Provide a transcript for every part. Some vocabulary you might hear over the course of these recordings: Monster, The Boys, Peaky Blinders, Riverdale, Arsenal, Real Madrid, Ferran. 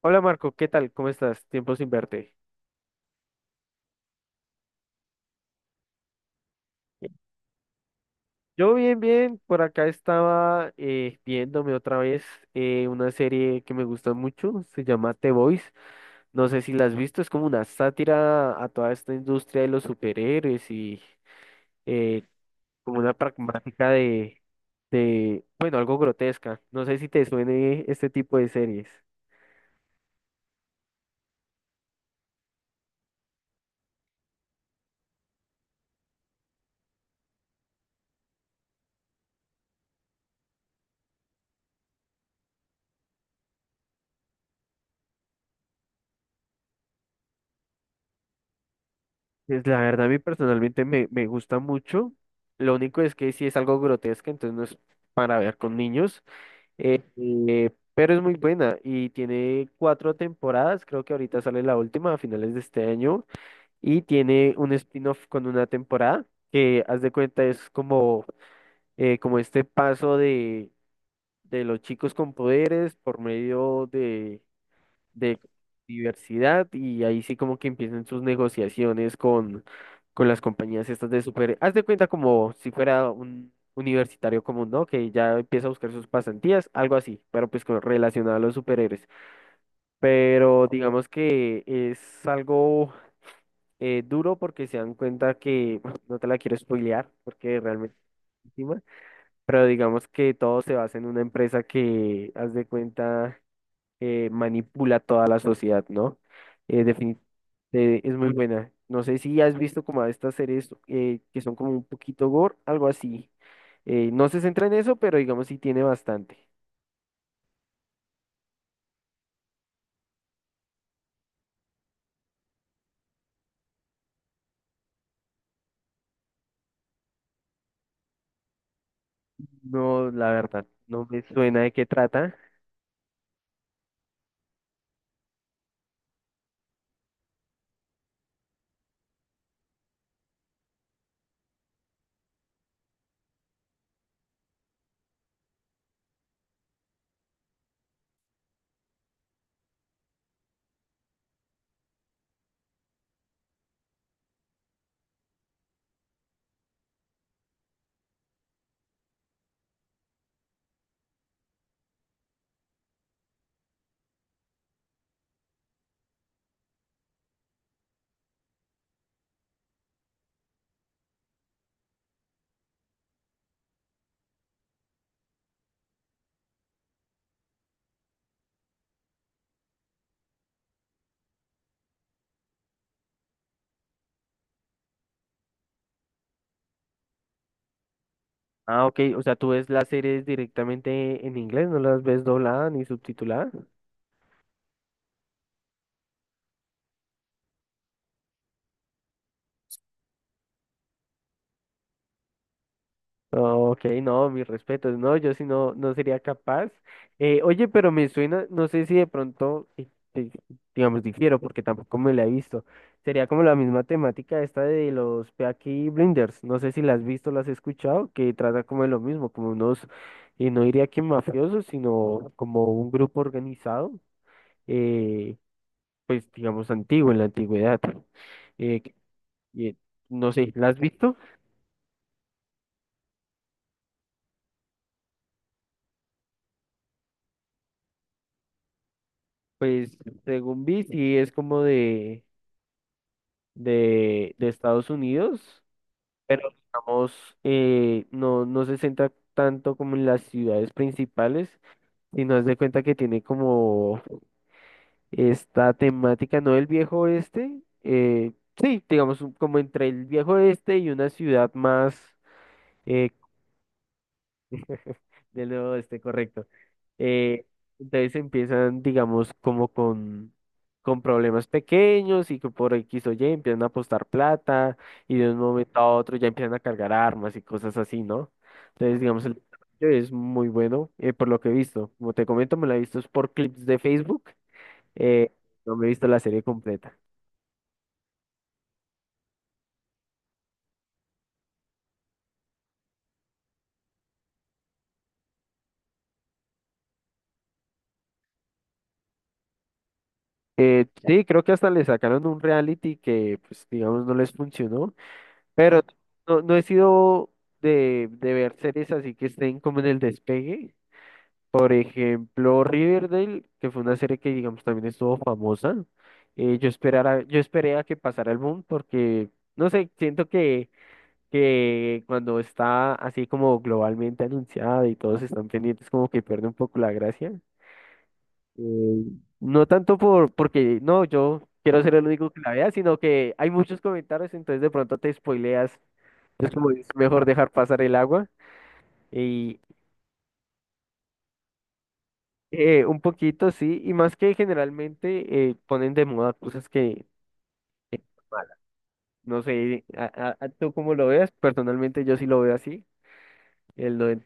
Hola Marco, ¿qué tal? ¿Cómo estás? Tiempo sin verte. Yo bien, bien. Por acá estaba viéndome otra vez una serie que me gusta mucho. Se llama The Boys. No sé si la has visto. Es como una sátira a toda esta industria de los superhéroes y eh, como una pragmática de, bueno, algo grotesca. No sé si te suene este tipo de series. Pues la verdad, a mí personalmente me gusta mucho. Lo único es que sí es algo grotesca, entonces no es para ver con niños. Pero es muy buena y tiene cuatro temporadas, creo que ahorita sale la última a finales de este año y tiene un spin-off con una temporada que haz de cuenta es como, como este paso de los chicos con poderes por medio de diversidad y ahí sí como que empiezan sus negociaciones con las compañías estas de super... Haz de cuenta como si fuera un universitario común, ¿no? Que ya empieza a buscar sus pasantías, algo así, pero pues con, relacionado a los superhéroes. Pero digamos que es algo duro porque se dan cuenta que, no te la quiero spoilear porque realmente... es buenísima. Pero digamos que todo se basa en una empresa que, haz de cuenta, manipula toda la sociedad, ¿no? Eh, defini- es muy buena. No sé si has visto como a estas series que son como un poquito gore, algo así. No se centra en eso, pero digamos sí tiene bastante. No, la verdad, no me suena de qué trata. Ah, ok, o sea, tú ves las series directamente en inglés, no las ves doblada ni subtitulada. Ok, no, mis respetos. No, yo sí no, no sería capaz. Oye, pero me suena, no sé si de pronto, eh, digamos, difiero, porque tampoco me la he visto. Sería como la misma temática esta de los Peaky Blinders. No sé si la has visto, la has escuchado, que trata como de lo mismo, como unos, no diría que mafiosos, sino como un grupo organizado, eh, pues digamos antiguo, en la antigüedad. Eh, que- eh, no sé, ¿la has visto? Pues según vi, sí es como de Estados Unidos, pero digamos, no, no se centra tanto como en las ciudades principales, sino haz de cuenta que tiene como esta temática, no del viejo oeste, sí, digamos, como entre el viejo oeste y una ciudad más eh, del nuevo oeste, correcto. Eh, entonces empiezan, digamos, como con problemas pequeños y que por X o Y empiezan a apostar plata y de un momento a otro ya empiezan a cargar armas y cosas así, ¿no? Entonces, digamos, el desarrollo es muy bueno, por lo que he visto. Como te comento, me la he visto es por clips de Facebook. eh, no me he visto la serie completa. Sí, creo que hasta le sacaron un reality que, pues, digamos, no les funcionó, pero no, no he sido de ver series así que estén como en el despegue. Por ejemplo, Riverdale, que fue una serie que, digamos, también estuvo famosa. Yo esperara, yo esperé a que pasara el boom porque, no sé, siento que cuando está así como globalmente anunciada y todos están pendientes, como que pierde un poco la gracia. Eh, no tanto por, porque, no, yo quiero ser el único que la vea, sino que hay muchos comentarios, entonces de pronto te spoileas. Es como es mejor dejar pasar el agua. Un poquito, sí, y más que generalmente ponen de moda cosas que, malas no sé, a, a tú cómo lo veas, personalmente yo sí lo veo así, el lo de-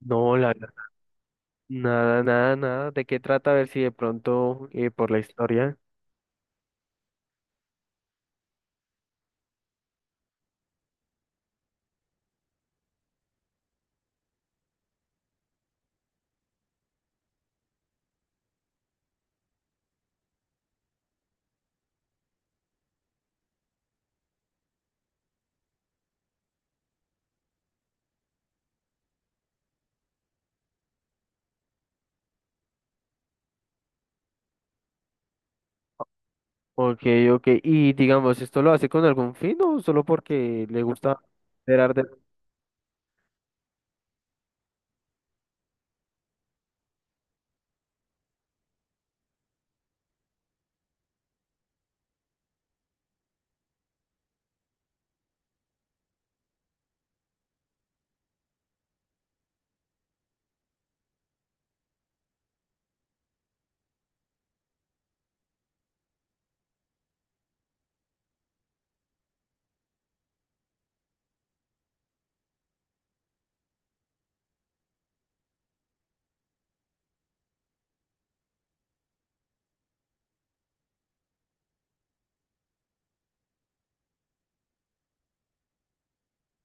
No, la verdad, nada, nada, nada, ¿de qué trata? A ver si de pronto por la historia. Ok, ok, y digamos, ¿esto lo hace con algún fin o solo porque le gusta ver arte?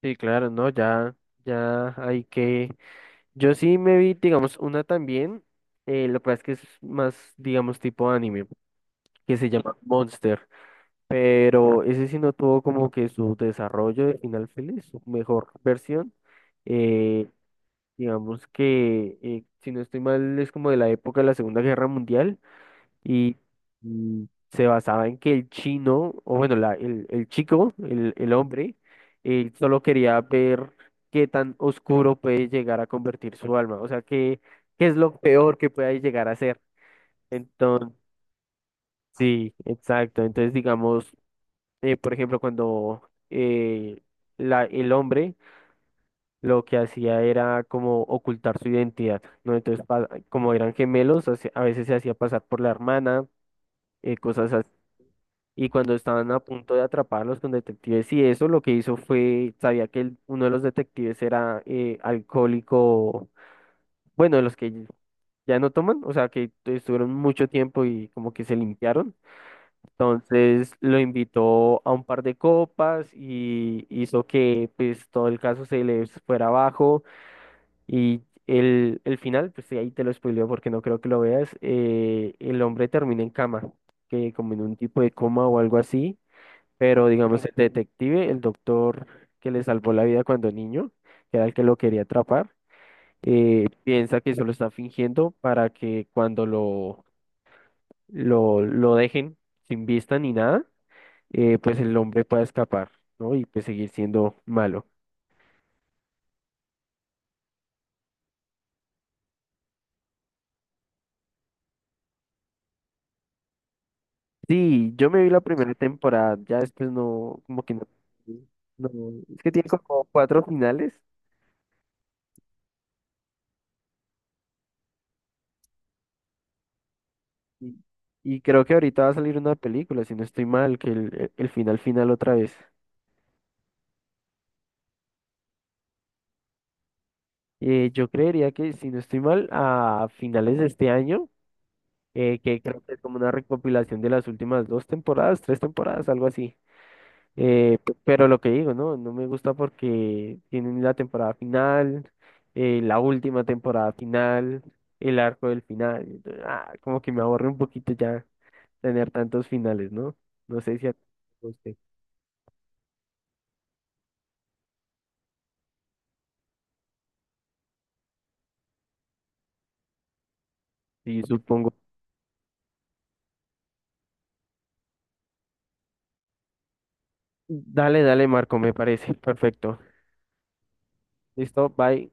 Sí, claro, no, ya, ya hay que... Yo sí me vi, digamos, una también, lo que pasa es que es más, digamos, tipo anime. Que se llama Monster, pero ese sí no tuvo como que su desarrollo de final feliz, su mejor versión. eh, digamos que, si no estoy mal, es como de la época de la Segunda Guerra Mundial y, y se basaba en que el chino, o bueno, el chico, el hombre, solo quería ver qué tan oscuro puede llegar a convertir su alma, o sea, qué, qué es lo peor que puede llegar a ser. Entonces, sí, exacto. Entonces, digamos, por ejemplo, cuando la, el hombre lo que hacía era como ocultar su identidad, ¿no? Entonces, como eran gemelos, a veces se hacía pasar por la hermana, cosas así. Y cuando estaban a punto de atraparlos con detectives y eso, lo que hizo fue, sabía que uno de los detectives era alcohólico, bueno, de los que ya no toman, o sea, que estuvieron mucho tiempo y como que se limpiaron. Entonces lo invitó a un par de copas y hizo que pues todo el caso se le fuera abajo y el final, pues sí, ahí te lo spoileo porque no creo que lo veas, el hombre termina en cama, que como en un tipo de coma o algo así, pero digamos el detective, el doctor que le salvó la vida cuando niño, que era el que lo quería atrapar, piensa que eso lo está fingiendo para que cuando lo, lo dejen sin vista ni nada pues el hombre pueda escapar, ¿no? Y pues seguir siendo malo. Sí, yo me vi la primera temporada, ya después no, como que no, no, es que tiene como cuatro finales y, y creo que ahorita va a salir una película, si no estoy mal, que el final final otra vez. Yo creería que, si no estoy mal, a finales de este año, que creo que es como una recopilación de las últimas dos temporadas, tres temporadas, algo así. Pero lo que digo, ¿no? No me gusta porque tienen la temporada final, la última temporada final, el arco del final. Entonces, ah, como que me aburre un poquito ya tener tantos finales, ¿no? No sé si a ti te guste. Sí, supongo. Dale, dale, Marco, me parece. Perfecto. Listo, bye.